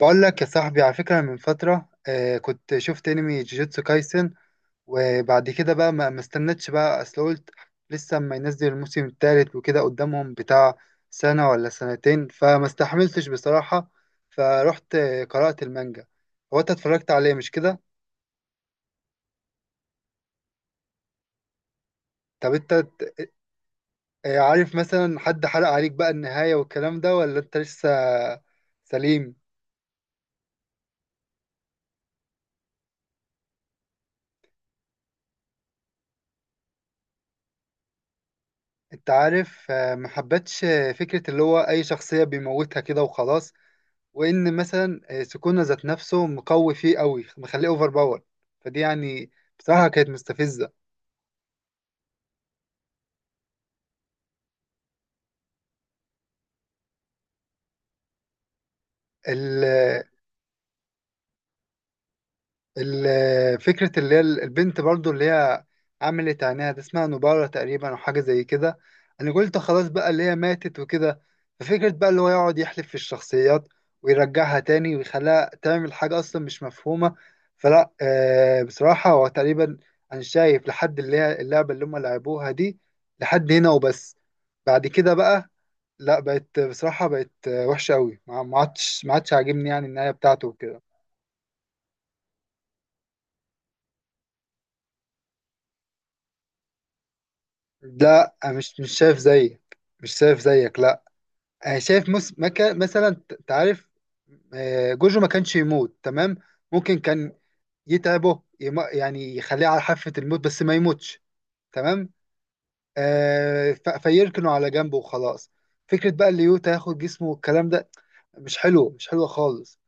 بقول لك يا صاحبي، على فكرة، من فترة كنت شفت انمي جوجوتسو كايسن. وبعد كده بقى ما استنتش بقى، اصل قلت لسه ما ينزل الموسم الثالث وكده قدامهم بتاع سنة ولا سنتين، فما استحملتش بصراحة. فروحت قرأت المانجا. هو انت اتفرجت عليه، مش كده؟ طب انت ت- آه، عارف مثلا حد حرق عليك بقى النهاية والكلام ده ولا انت لسه سليم؟ انت عارف، ما حبتش فكرة اللي هو اي شخصية بيموتها كده وخلاص. وان مثلا سكونه ذات نفسه مقوي فيه قوي، مخليه اوفر باور، فدي يعني بصراحه كانت مستفزه. ال- فكرة اللي هي البنت برضو، اللي هي عملت عينيها دي، اسمها نبارة تقريبا أو حاجة زي كده. أنا قلت خلاص بقى اللي هي ماتت وكده. ففكرة بقى اللي هو يقعد يحلف في الشخصيات ويرجعها تاني ويخليها تعمل حاجة أصلا مش مفهومة. فلا بصراحة هو تقريبا أنا شايف لحد اللي هي اللعبة اللي هم لعبوها دي لحد هنا وبس. بعد كده بقى لا، بقت بصراحة بقت وحشة أوي. ما عادش عاجبني يعني النهاية بتاعته وكده. لا، مش شايف زيك، مش شايف زيك، لا. انا شايف مثلا تعرف، جوجو ما كانش يموت، تمام؟ ممكن كان يتعبه، يعني يخليه على حافة الموت بس ما يموتش، تمام. فيركنه على جنبه وخلاص. فكرة بقى اللي يوتا ياخد جسمه والكلام ده مش حلو، مش حلو خالص.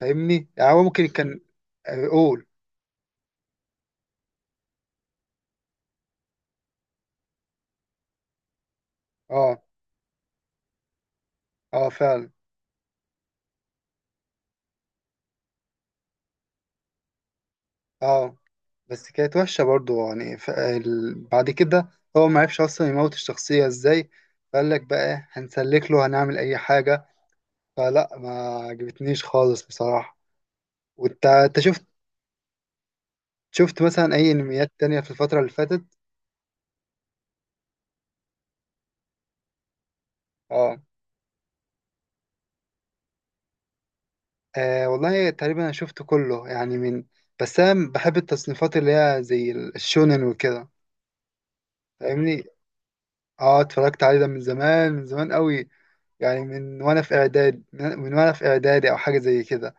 فاهمني؟ يعني هو ممكن كان. قول. اه، اه فعلا. اه، بس كانت وحشة برضو يعني. بعد كده هو ما عرفش أصلا يموت الشخصية ازاي، فقال لك بقى إيه، هنسلك له، هنعمل أي حاجة. فلا ما عجبتنيش خالص بصراحة. وانت شفت؟ شفت مثلا أي أنميات تانية في الفترة اللي فاتت؟ اه، والله تقريبا أنا شفت كله يعني، من بس أنا بحب التصنيفات اللي هي زي الشونن وكده. فاهمني؟ اه، اتفرجت عليه ده من زمان، من زمان قوي. يعني من وأنا في إعداد، من وأنا في إعدادي أو حاجة زي كده.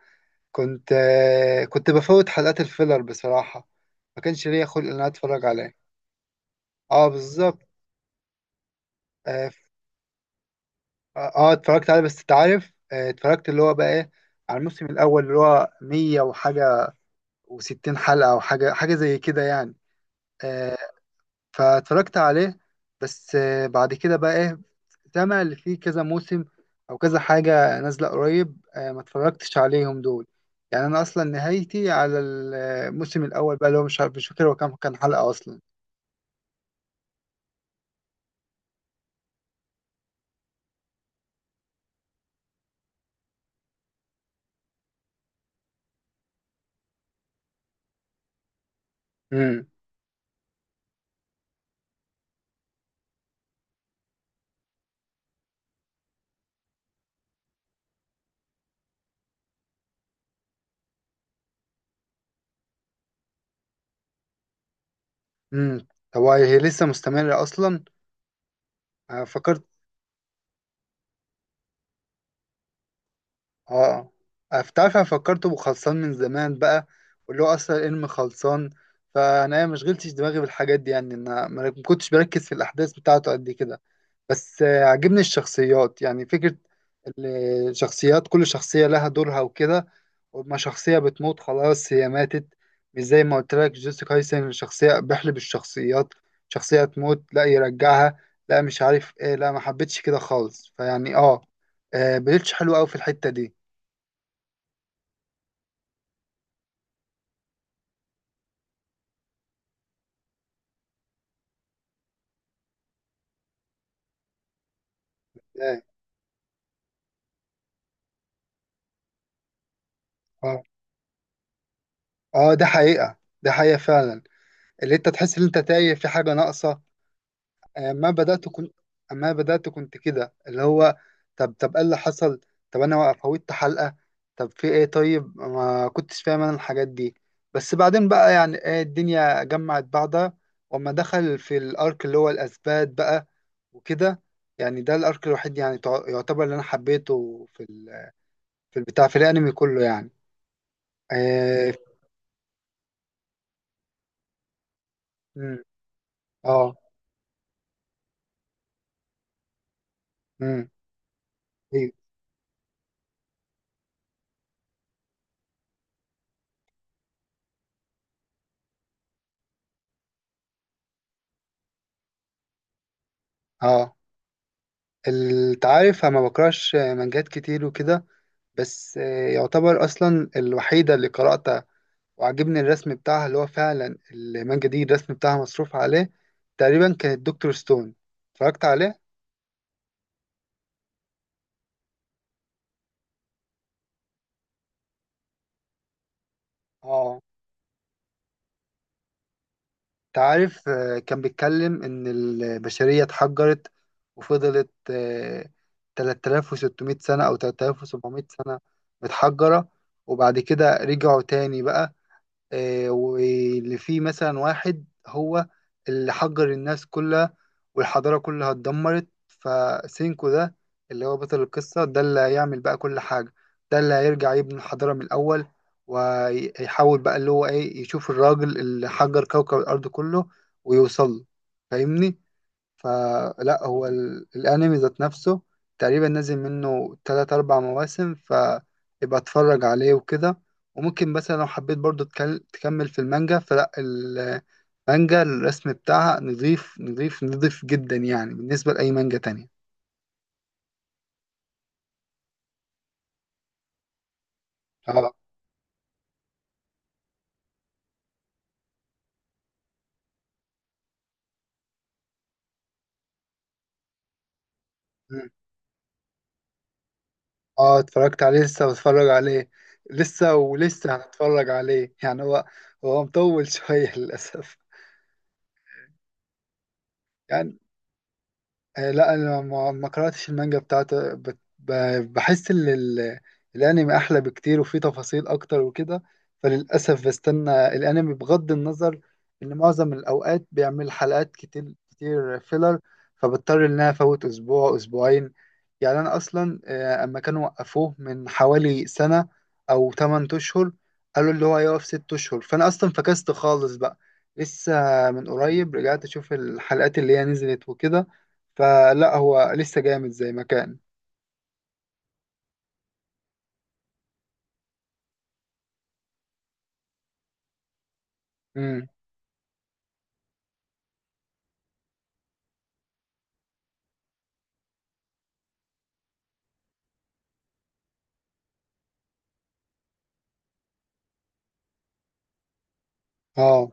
كنت كنت بفوت حلقات الفيلر بصراحة، ما كانش ليا خلق ان انا اتفرج عليه. اه بالظبط. اه ف- اتفرجت عليه بس انت عارف، اتفرجت اللي هو بقى ايه، على الموسم الاول اللي هو مية وحاجة وستين حلقة او حاجة، حاجة زي كده يعني. آه، فاتفرجت عليه. بس بعد كده بقى ايه، سامع اللي فيه كذا موسم او كذا حاجة نازلة قريب، ما اتفرجتش عليهم دول. يعني انا اصلا نهايتي على الموسم الاول بقى، اللي هو مش عارف، مش فاكر هو كام كان حلقة اصلا. امم امم طب هي لسه مستمرة اصلا؟ أنا فكرت، اه، أنا تعرف انا فكرته بخلصان من زمان بقى، واللي هو اصلا الانمي خلصان. فانا ما شغلتش دماغي بالحاجات دي يعني. انا ما كنتش بركز في الاحداث بتاعته قد كده. بس عجبني الشخصيات، يعني فكرة الشخصيات، كل شخصية لها دورها وكده، وما شخصية بتموت خلاص هي ماتت. مش زي ما قلت لك جيسيكا هايسن شخصية بيحلب الشخصيات، شخصية تموت لا يرجعها، لا مش عارف ايه، لا ما حبيتش كده خالص. فيعني اه، بليتش حلو قوي في الحتة دي. اه، اه، ده حقيقة، ده حقيقة فعلا. اللي انت تحس ان انت تايه، في حاجة ناقصة. أما بدأت كنت، أما بدأت كنت كده اللي هو، طب طب إيه اللي حصل، طب أنا فوتت حلقة، طب في إيه، طيب ما كنتش فاهم أنا الحاجات دي. بس بعدين بقى يعني إيه، الدنيا جمعت بعضها. وأما دخل في الأرك اللي هو الأثبات بقى وكده، يعني ده الأرك الوحيد يعني يعتبر اللي أنا حبيته في في البتاع، في الأنمي كله يعني. آه. مم، آه مم، أيوه. آه التعارف، أنا ما بكرهش مانجات كتير وكده، بس يعتبر أصلا الوحيدة اللي قرأتها. وعجبني الرسم بتاعها، اللي هو فعلا المانجا دي الرسم بتاعها مصروف عليه. تقريبا كانت دكتور ستون. اتفرجت عليه؟ اه. انت عارف، كان بيتكلم إن البشرية اتحجرت، وفضلت 3600 سنة أو 3700 سنة متحجرة. وبعد كده رجعوا تاني بقى. واللي فيه مثلا واحد هو اللي حجر الناس كلها، والحضارة كلها اتدمرت. فسينكو ده اللي هو بطل القصة، ده اللي هيعمل بقى كل حاجة، ده اللي هيرجع يبني الحضارة من الأول، ويحاول بقى اللي هو إيه، يشوف الراجل اللي حجر كوكب الأرض كله ويوصل له. فاهمني؟ فلا هو الانمي ذات نفسه تقريبا نازل منه تلات اربع مواسم، فيبقى اتفرج عليه وكده. وممكن مثلا لو حبيت برضو تكمل في المانجا، فلا المانجا الرسم بتاعها نظيف، نظيف، نظيف جدا يعني بالنسبة لأي مانجا تانية. اه. مم. اه اتفرجت عليه، لسه بتفرج عليه، لسه ولسه هنتفرج عليه يعني. هو هو مطول شوية للأسف. يعني، لا انا ما قراتش المانجا بتاعته. بحس ان الانمي احلى بكتير وفيه تفاصيل اكتر وكده. فللاسف بستنى الانمي، بغض النظر ان معظم الاوقات بيعمل حلقات كتير، كتير فيلر، فبضطر ان انا افوت اسبوع، اسبوعين. يعني انا اصلا اما كانوا وقفوه من حوالي سنة او 8 اشهر، قالوا اللي هو هيقف 6 اشهر، فانا اصلا فكست خالص بقى. لسه من قريب رجعت اشوف الحلقات اللي هي نزلت وكده. فلا هو لسه جامد زي ما كان. امم. اه،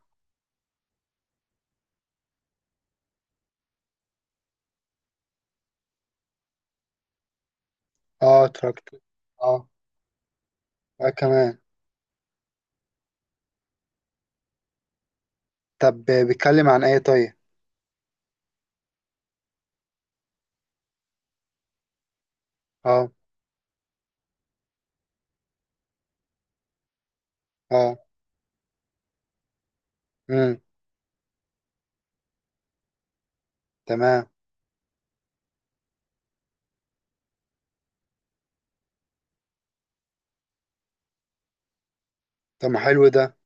اه اتفرجت. اه، آه كمان. طب بيتكلم عن ايه طيب؟ اه، اه. امم. تمام. طب ما حلو ده!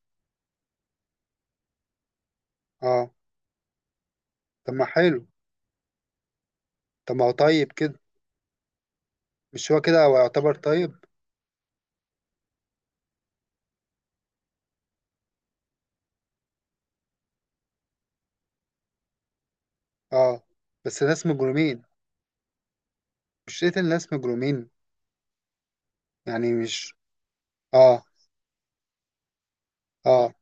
اه. طب ما حلو. طب ما هو طيب كده! مش هو كده هو يعتبر طيب؟ اه، بس ناس مجرمين. مش قتل ناس مجرمين؟ يعني مش. اه، اه،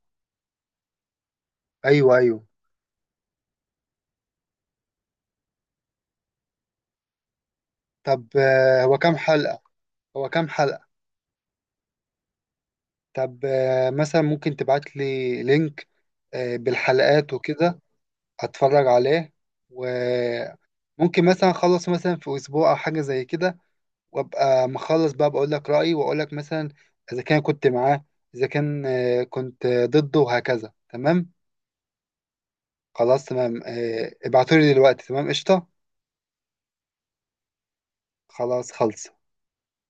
ايوه، ايوه. طب هو كام حلقة؟ هو كام حلقة؟ طب، مثلا ممكن تبعت لي لينك بالحلقات وكده. هتفرج عليه، وممكن مثلا اخلص مثلا في اسبوع او حاجه زي كده، وابقى مخلص بقى بقول لك رايي، واقول لك مثلا اذا كان كنت معاه، اذا كان كنت ضده، وهكذا. تمام. خلاص تمام، ابعتولي دلوقتي، تمام، قشطه. خلاص خلص.